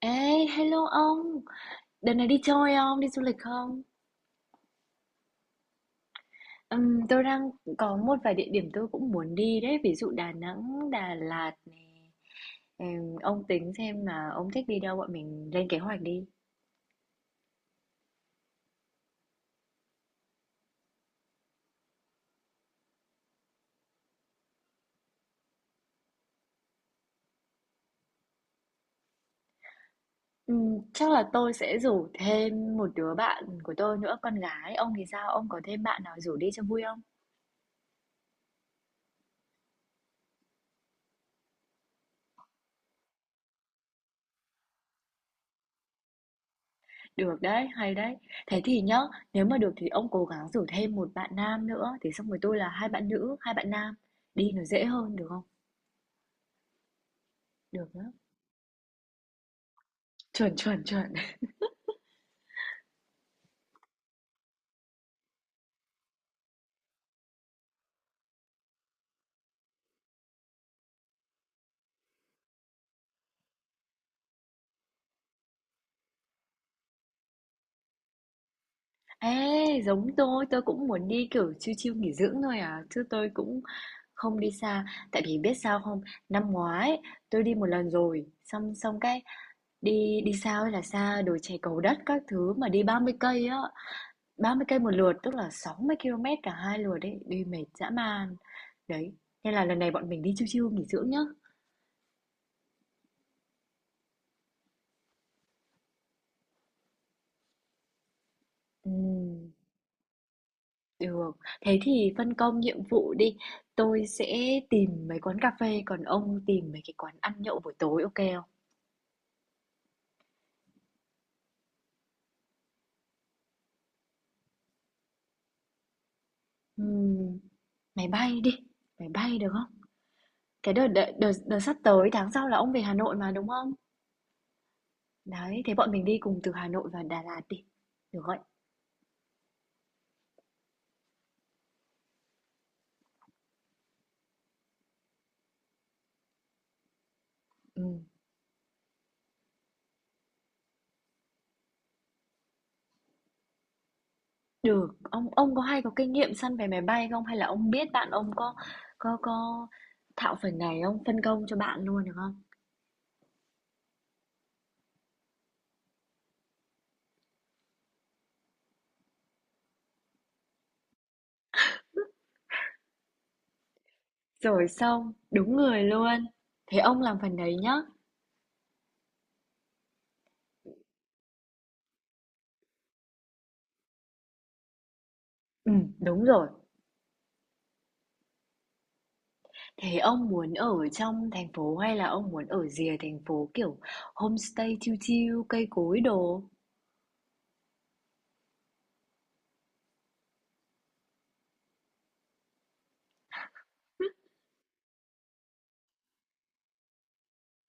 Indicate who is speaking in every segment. Speaker 1: Ê, hello ông, đợt này đi chơi không, đi du lịch không? Tôi đang có một vài địa điểm tôi cũng muốn đi đấy, ví dụ Đà Nẵng, Đà Lạt này. Ông tính xem mà ông thích đi đâu, bọn mình lên kế hoạch đi. Chắc là tôi sẽ rủ thêm một đứa bạn của tôi nữa, con gái. Ông thì sao? Ông có thêm bạn nào rủ đi cho vui không? Được đấy, hay đấy. Thế thì nhá, nếu mà được thì ông cố gắng rủ thêm một bạn nam nữa, thì xong rồi tôi là hai bạn nữ, hai bạn nam. Đi nó dễ hơn được không? Được đó. Chuẩn, chuẩn, chuẩn. Ê, giống tôi cũng muốn đi, kiểu, chill chill nghỉ dưỡng thôi à, chứ tôi cũng không đi xa. Tại vì biết sao không? Năm ngoái tôi đi một lần rồi, xong xong cái đi đi xa ơi là xa, đồi chè Cầu Đất các thứ mà đi 30 cây á, 30 cây một lượt, tức là 60 km cả 2 lượt đấy, đi mệt dã man. Đấy, nên là lần này bọn mình đi chill chill nghỉ dưỡng nhá. Ừm. Được, thế thì phân công nhiệm vụ đi, tôi sẽ tìm mấy quán cà phê, còn ông tìm mấy cái quán ăn nhậu buổi tối, ok không? Ừm, máy bay đi, máy bay được không? Cái đợt sắp tới, tháng sau là ông về Hà Nội mà đúng không? Đấy, thế bọn mình đi cùng từ Hà Nội và Đà Lạt đi, được không? Ừm, được, ông có hay có kinh nghiệm săn vé máy bay không? Hay là ông biết bạn ông có thạo phần này không? Phân công cho bạn luôn được không? Rồi xong, đúng người luôn. Thế ông làm phần đấy nhá. Ừ đúng rồi. Thế ông muốn ở trong thành phố hay là ông muốn ở rìa thành phố, kiểu, homestay chill chill, cây cối đồ?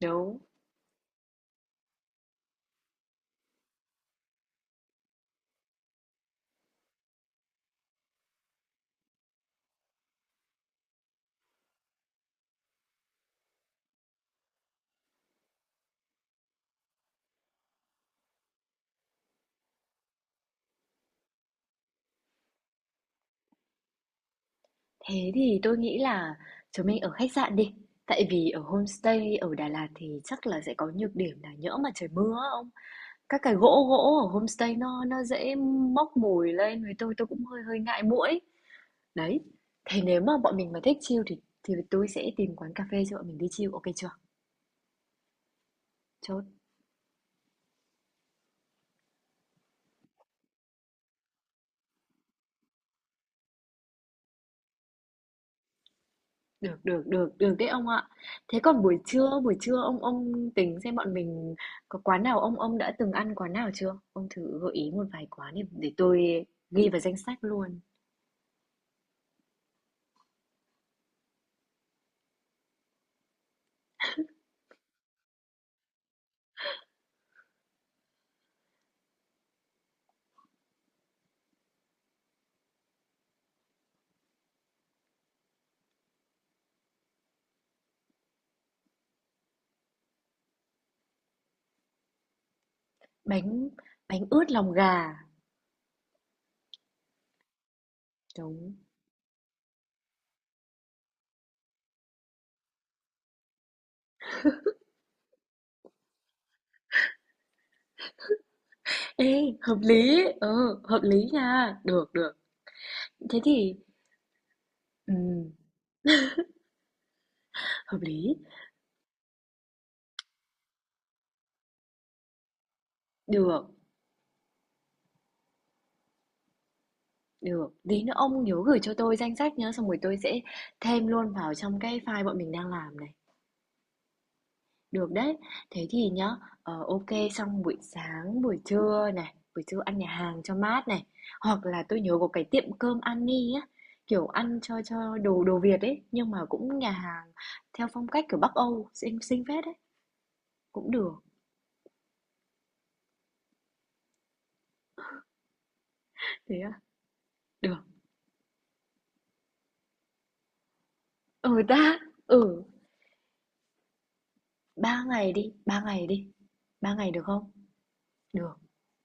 Speaker 1: Đúng. Thế thì tôi nghĩ là chúng mình ở khách sạn đi. Tại vì ở homestay ở Đà Lạt thì chắc là sẽ có nhược điểm là nhỡ mà trời mưa á ông. Các cái gỗ gỗ ở homestay nó dễ móc mùi lên với tôi cũng hơi hơi ngại muỗi. Đấy. Thế nếu mà bọn mình mà thích chill thì tôi sẽ tìm quán cà phê cho bọn mình đi chill, ok chưa? Chốt. Được, được, được, được đấy ông ạ. Thế còn buổi trưa ông tính xem bọn mình có quán nào ông đã từng ăn quán nào chưa? Ông thử gợi ý một vài quán để tôi ghi vào danh sách luôn. Bánh bánh ướt lòng gà. Đúng. Ê, hợp lý. Ừ, hợp lý nha. Được, được. Thế thì ừm, hợp lý. Được, được. Tí nữa ông nhớ gửi cho tôi danh sách nhá, xong rồi tôi sẽ thêm luôn vào trong cái file bọn mình đang làm này. Được đấy. Thế thì nhá, ờ, ô xong buổi sáng, buổi trưa này, buổi trưa ăn nhà hàng cho mát này, hoặc là tôi nhớ có cái tiệm cơm Annie á, kiểu, ăn cho đồ đồ Việt ấy, nhưng mà cũng nhà hàng theo phong cách, kiểu, Bắc Âu, xinh xinh phết đấy, cũng được. Thế à? Được. Ừ ta, ừ, 3 ngày đi, 3 ngày đi. Ba ngày được không? Được,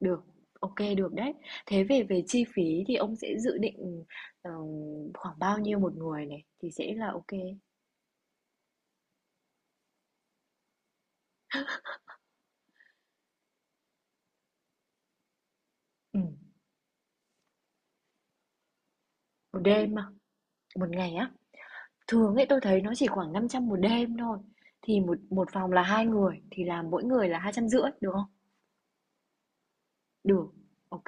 Speaker 1: được. Ok được đấy. Thế về về chi phí thì ông sẽ dự định, ờ, khoảng bao nhiêu một người này thì sẽ là ok, ừ. Một đêm mà. Một ngày á? Thường ấy tôi thấy nó chỉ khoảng 500 một đêm thôi. Thì một một phòng là hai người thì là mỗi người là 250 được không? Được. Ok.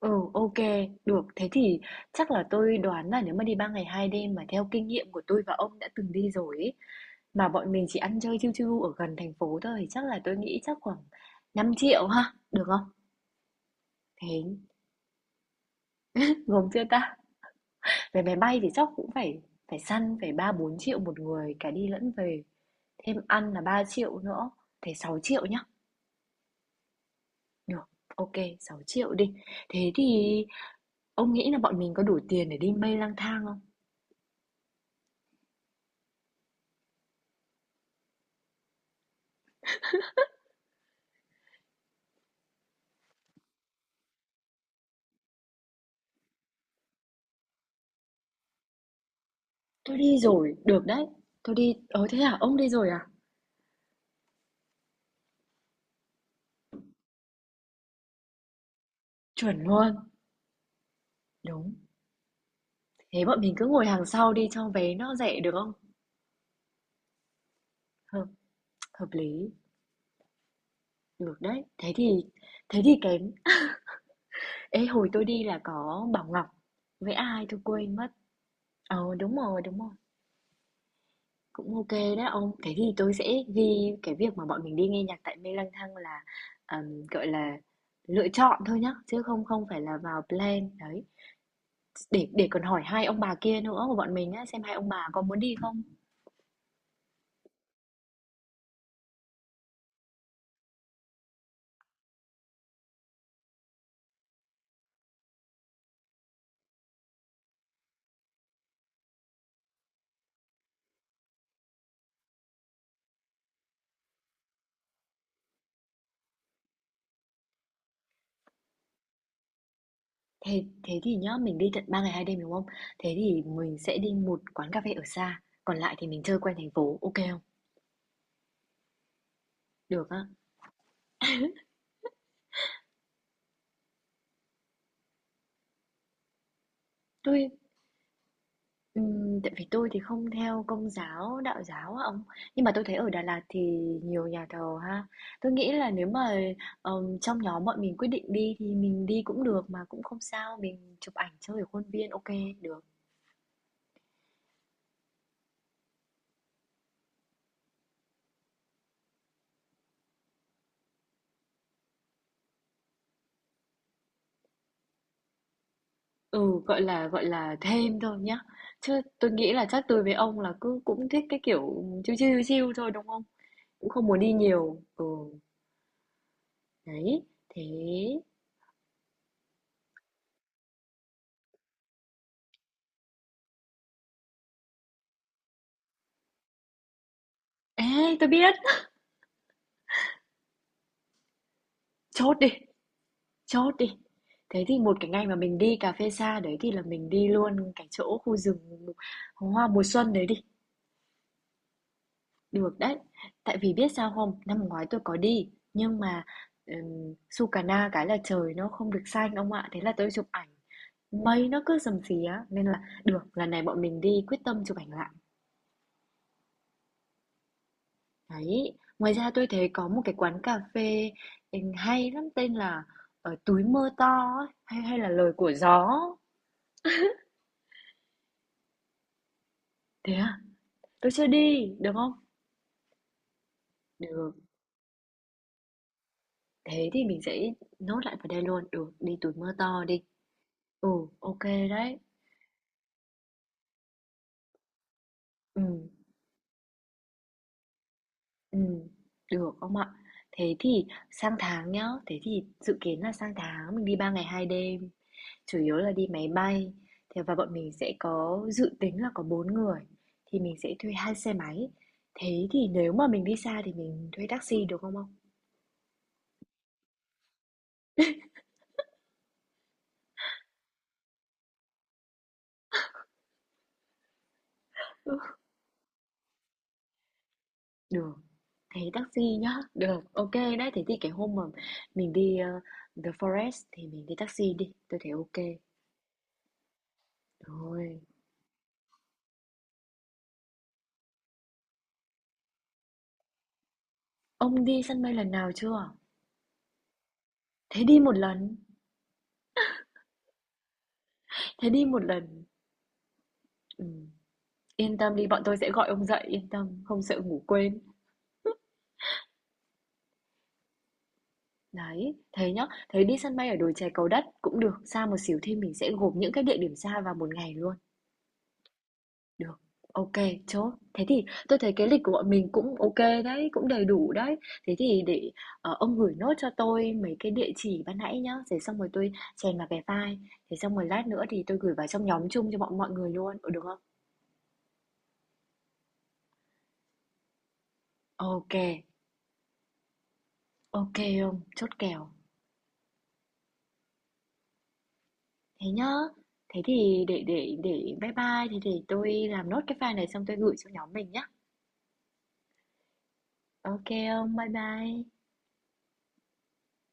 Speaker 1: Ừ ok, được. Thế thì chắc là tôi đoán là nếu mà đi 3 ngày 2 đêm mà theo kinh nghiệm của tôi và ông đã từng đi rồi ấy, mà bọn mình chỉ ăn chơi chiêu chiêu ở gần thành phố thôi thì chắc là tôi nghĩ chắc khoảng 5 triệu ha, được không? Thế gồm chưa ta? Vé máy bay thì chắc cũng phải phải săn phải 3 4 triệu một người cả đi lẫn về. Thêm ăn là 3 triệu nữa, thế 6 triệu nhá. Được, ok, 6 triệu đi. Thế thì ông nghĩ là bọn mình có đủ tiền để đi mây lang thang không? Tôi đi rồi, được đấy. Tôi đi, thế à, ông đi rồi à? Chuẩn luôn, đúng. Thế bọn mình cứ ngồi hàng sau đi cho vé nó rẻ được không? Hợp, hợp lý, được đấy. Thế thì cái, ê hồi tôi đi là có Bảo Ngọc với ai tôi quên mất. Ờ, đúng rồi, đúng rồi. Cũng ok đó ông. Cái gì tôi sẽ ghi cái việc mà bọn mình đi nghe nhạc tại Mê Lang Thang là, gọi là, lựa chọn thôi nhá, chứ không không phải là vào plan, đấy. Để còn hỏi hai ông bà kia nữa của bọn mình á, xem hai ông bà có muốn đi không. Thế thế thì nhá, mình đi tận 3 ngày 2 đêm, đúng không? Thế thì mình sẽ đi một quán cà phê ở xa, còn lại thì mình chơi quanh thành phố, ok không? Được á. Tôi tại vì tôi thì không theo Công giáo, Đạo giáo á ông, nhưng mà tôi thấy ở Đà Lạt thì nhiều nhà thờ ha. Tôi nghĩ là nếu mà trong nhóm bọn mình quyết định đi thì mình đi cũng được mà cũng không sao, mình chụp ảnh chơi ở khuôn viên ok được. Ừ, gọi là thêm thôi nhá. Chứ tôi nghĩ là chắc tôi với ông là cứ cũng thích cái kiểu chill chill chill thôi đúng không? Cũng không muốn đi nhiều. Ừ, đấy. Thế. Ê, tôi biết. Chốt đi. Chốt đi. Thế thì một cái ngày mà mình đi cà phê xa đấy thì là mình đi luôn cái chỗ khu rừng hoa mùa xuân đấy đi. Được đấy. Tại vì biết sao không? Năm ngoái tôi có đi nhưng mà Sukarna cái là trời nó không được xanh ông ạ. Thế là tôi chụp ảnh mây nó cứ rầm xí á nên là được lần này bọn mình đi quyết tâm chụp ảnh lại đấy. Ngoài ra tôi thấy có một cái quán cà phê hay lắm tên là ở túi mưa to ấy, hay hay là lời của gió. Thế à? Tôi chưa đi, được không? Được, thế thì mình sẽ nốt lại vào đây luôn. Được, đi túi mưa to đi. Ừ, ok đấy. Ừ, ừ, được ông ạ. Thế thì sang tháng nhá, thế thì dự kiến là sang tháng mình đi 3 ngày 2 đêm. Chủ yếu là đi máy bay. Thế và bọn mình sẽ có dự tính là có 4 người. Thì mình sẽ thuê hai xe máy. Thế thì nếu mà mình đi xa thì mình thuê taxi được không ông? Được, thế taxi nhá. Được, ok đấy. Thế thì cái hôm mà mình đi The Forest thì mình đi taxi đi. Tôi thấy ok. Rồi. Ông đi sân bay lần nào chưa? Thế đi một lần. Thế đi một lần. Ừ. Yên tâm đi, bọn tôi sẽ gọi ông dậy. Yên tâm, không sợ ngủ quên. Đấy, thế nhá. Thế đi sân bay ở đồi chè Cầu Đất cũng được. Xa một xíu thì mình sẽ gộp những cái địa điểm xa vào một ngày luôn. Được, ok, chốt. Thế thì tôi thấy cái lịch của bọn mình cũng ok đấy, cũng đầy đủ đấy. Thế thì để, ông gửi nốt cho tôi mấy cái địa chỉ ban nãy nhá, để xong rồi tôi chèn vào cái file, thế xong rồi lát nữa thì tôi gửi vào trong nhóm chung cho bọn mọi người luôn, ừ, được không? Ok, ok, ông, chốt kèo. Thế nhá. Thế thì để bye bye, thì để tôi làm nốt cái file này xong tôi gửi cho nhóm mình nhá. Ok, ông, bye bye.